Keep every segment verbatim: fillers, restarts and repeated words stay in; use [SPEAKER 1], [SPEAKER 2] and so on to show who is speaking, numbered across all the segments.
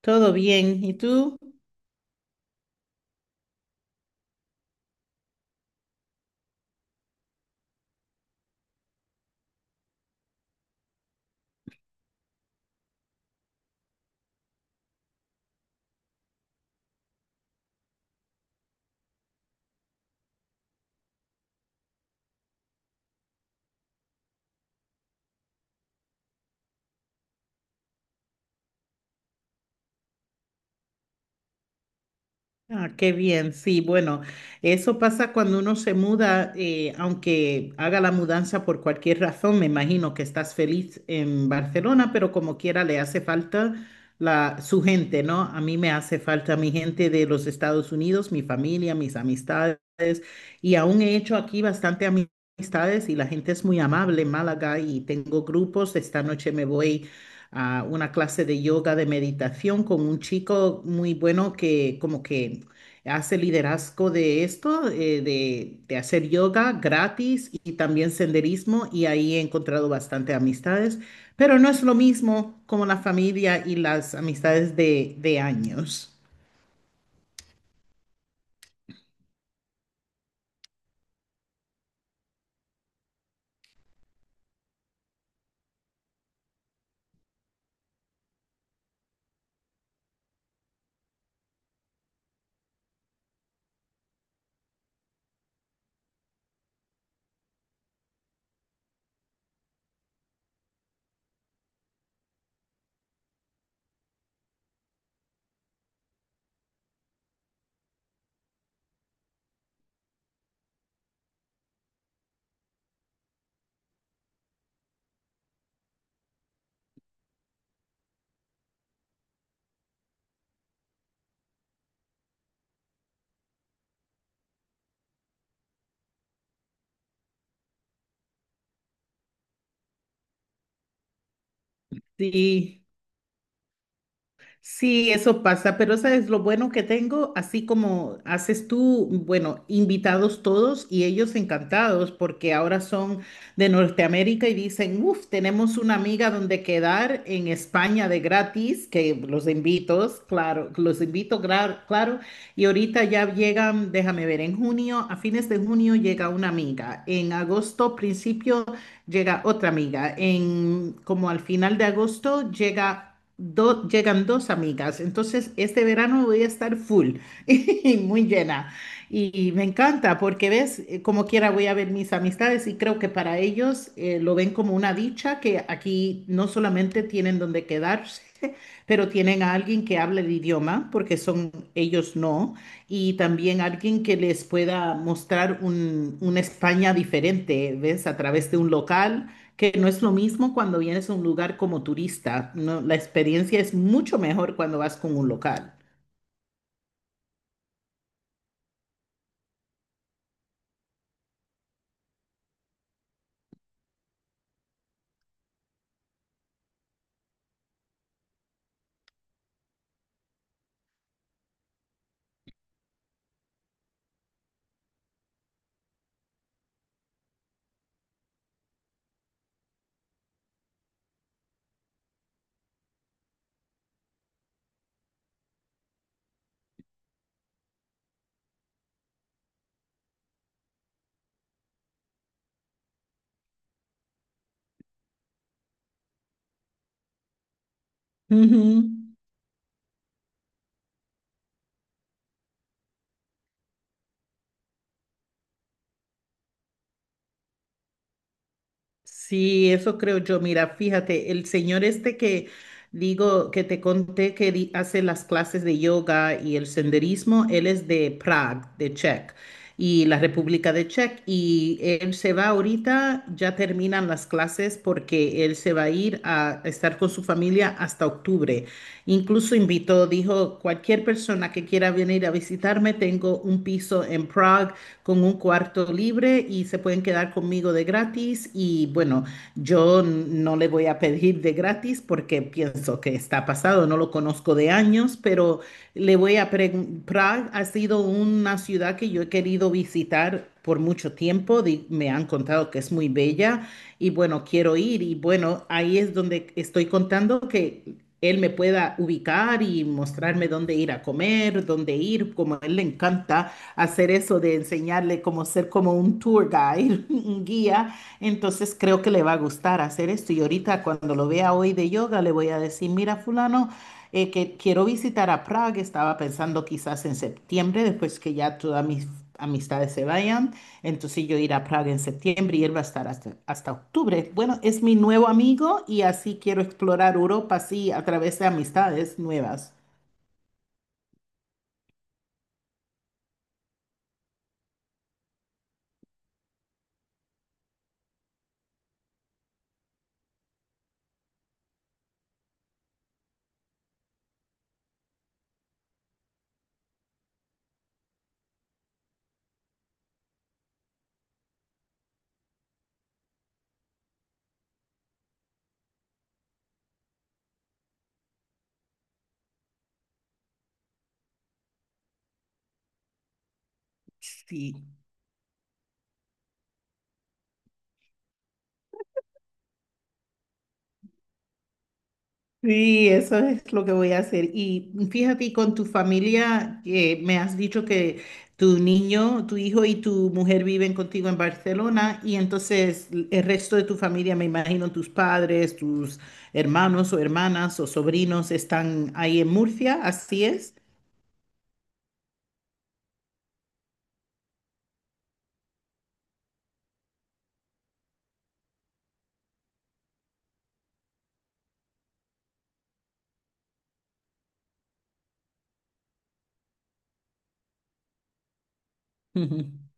[SPEAKER 1] Todo bien, ¿y tú? Ah, qué bien, sí, bueno, eso pasa cuando uno se muda, eh, aunque haga la mudanza por cualquier razón, me imagino que estás feliz en Barcelona, pero como quiera le hace falta la, su gente, ¿no? A mí me hace falta mi gente de los Estados Unidos, mi familia, mis amistades, y aún he hecho aquí bastante ami- amistades y la gente es muy amable en Málaga y tengo grupos, esta noche me voy a una clase de yoga, de meditación con un chico muy bueno que como que hace liderazgo de esto, eh, de, de hacer yoga gratis y también senderismo y ahí he encontrado bastante amistades, pero no es lo mismo como la familia y las amistades de, de años. Sí. Sí, eso pasa, pero sabes lo bueno que tengo, así como haces tú, bueno, invitados todos y ellos encantados porque ahora son de Norteamérica y dicen, uff, tenemos una amiga donde quedar en España de gratis, que los invito, claro, los invito, gra- claro, y ahorita ya llegan, déjame ver, en junio, a fines de junio llega una amiga, en agosto, principio, llega otra amiga, en como al final de agosto llega do- llegan dos amigas, entonces este verano voy a estar full y muy llena. Y me encanta porque ves, Eh, como quiera voy a ver mis amistades y creo que para ellos eh, lo ven como una dicha que aquí no solamente tienen donde quedarse, pero tienen a alguien que hable el idioma, porque son ellos no, y también alguien que les pueda mostrar un, una España diferente, ¿ves? A través de un local, que no es lo mismo cuando vienes a un lugar como turista, ¿no? La experiencia es mucho mejor cuando vas con un local. Ujú. Sí, eso creo yo. Mira, fíjate, el señor este que digo, que te conté que di- hace las clases de yoga y el senderismo, él es de Prague, de Czech, y la República de Czech, y él se va ahorita, ya terminan las clases porque él se va a ir a estar con su familia hasta octubre. Incluso invitó, dijo, cualquier persona que quiera venir a visitarme, tengo un piso en Prague con un cuarto libre y se pueden quedar conmigo de gratis. Y bueno, yo no le voy a pedir de gratis porque pienso que está pasado, no lo conozco de años, pero le voy a preguntar, ha sido una ciudad que yo he querido visitar por mucho tiempo, di- me han contado que es muy bella y bueno, quiero ir y bueno, ahí es donde estoy contando que él me pueda ubicar y mostrarme dónde ir a comer, dónde ir, como a él le encanta hacer eso de enseñarle como ser como un tour guide, un guía, entonces creo que le va a gustar hacer esto. Y ahorita cuando lo vea hoy de yoga, le voy a decir, mira fulano, eh, que quiero visitar a Praga, estaba pensando quizás en septiembre, después que ya todas mis amistades se vayan, entonces yo ir a Praga en septiembre y él va a estar hasta, hasta octubre. Bueno, es mi nuevo amigo y así quiero explorar Europa, sí, a través de amistades nuevas. Sí, Sí, eso es lo que voy a hacer. Y fíjate, y con tu familia, que me has dicho que tu niño, tu hijo y tu mujer viven contigo en Barcelona, y entonces el resto de tu familia, me imagino tus padres, tus hermanos o hermanas o sobrinos están ahí en Murcia, ¿así es?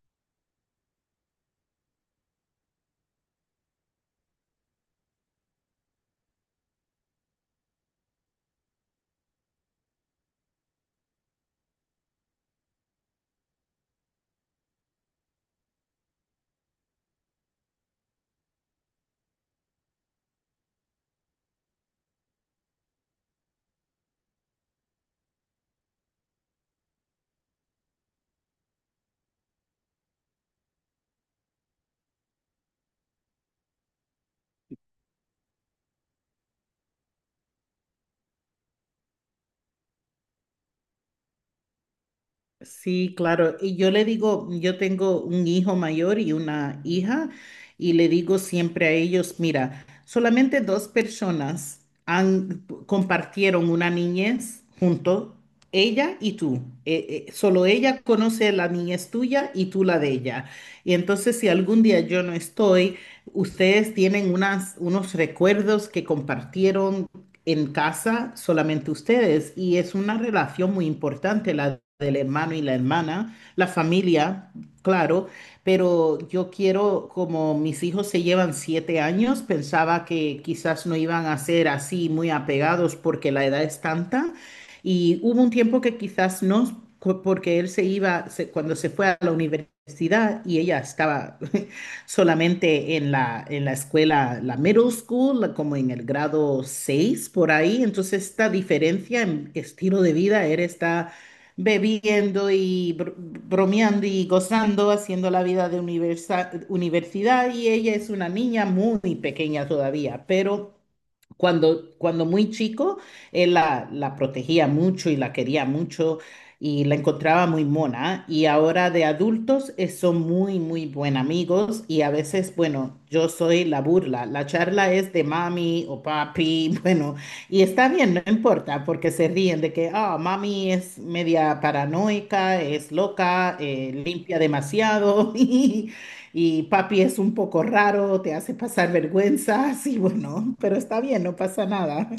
[SPEAKER 1] Sí, claro. Y yo le digo, yo tengo un hijo mayor y una hija, y le digo siempre a ellos, mira, solamente dos personas han, compartieron una niñez junto, ella y tú. Eh, eh, solo ella conoce la niñez tuya y tú la de ella. Y entonces, si algún día yo no estoy, ustedes tienen unas, unos recuerdos que compartieron en casa solamente ustedes y es una relación muy importante la del hermano y la hermana, la familia, claro, pero yo quiero, como mis hijos se llevan siete años, pensaba que quizás no iban a ser así muy apegados porque la edad es tanta y hubo un tiempo que quizás no, cu- porque él se iba, se- cuando se fue a la universidad y ella estaba solamente en la, en la escuela, la middle school, la- como en el grado seis por ahí. Entonces esta diferencia en estilo de vida, él está bebiendo y br- bromeando y gozando, haciendo la vida de universa- universidad y ella es una niña muy pequeña todavía, pero... Cuando, cuando muy chico, él la, la protegía mucho y la quería mucho y la encontraba muy mona. Y ahora de adultos eh, son muy, muy buen amigos y a veces, bueno, yo soy la burla. La charla es de mami o papi, bueno, y está bien, no importa, porque se ríen de que, ah, mami es media paranoica, es loca, eh, limpia demasiado y, y papi es un poco raro, te hace pasar vergüenza sí bueno, pero está bien, no pasa nada.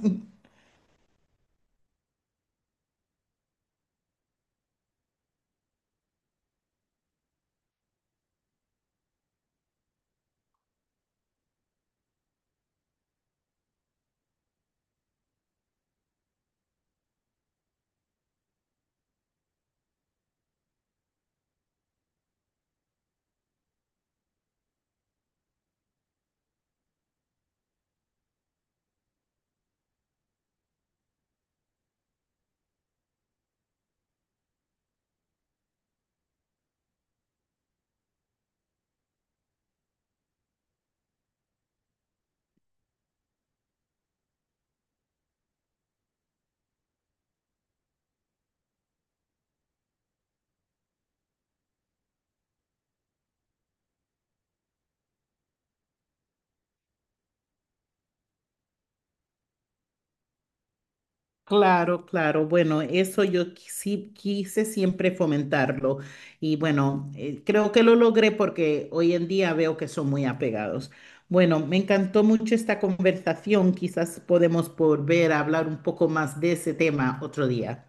[SPEAKER 1] Claro, claro. Bueno, eso yo qui- sí quise siempre fomentarlo y bueno, eh, creo que lo logré porque hoy en día veo que son muy apegados. Bueno, me encantó mucho esta conversación. Quizás podemos volver a hablar un poco más de ese tema otro día.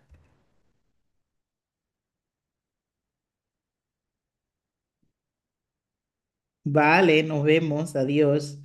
[SPEAKER 1] Vale, nos vemos. Adiós.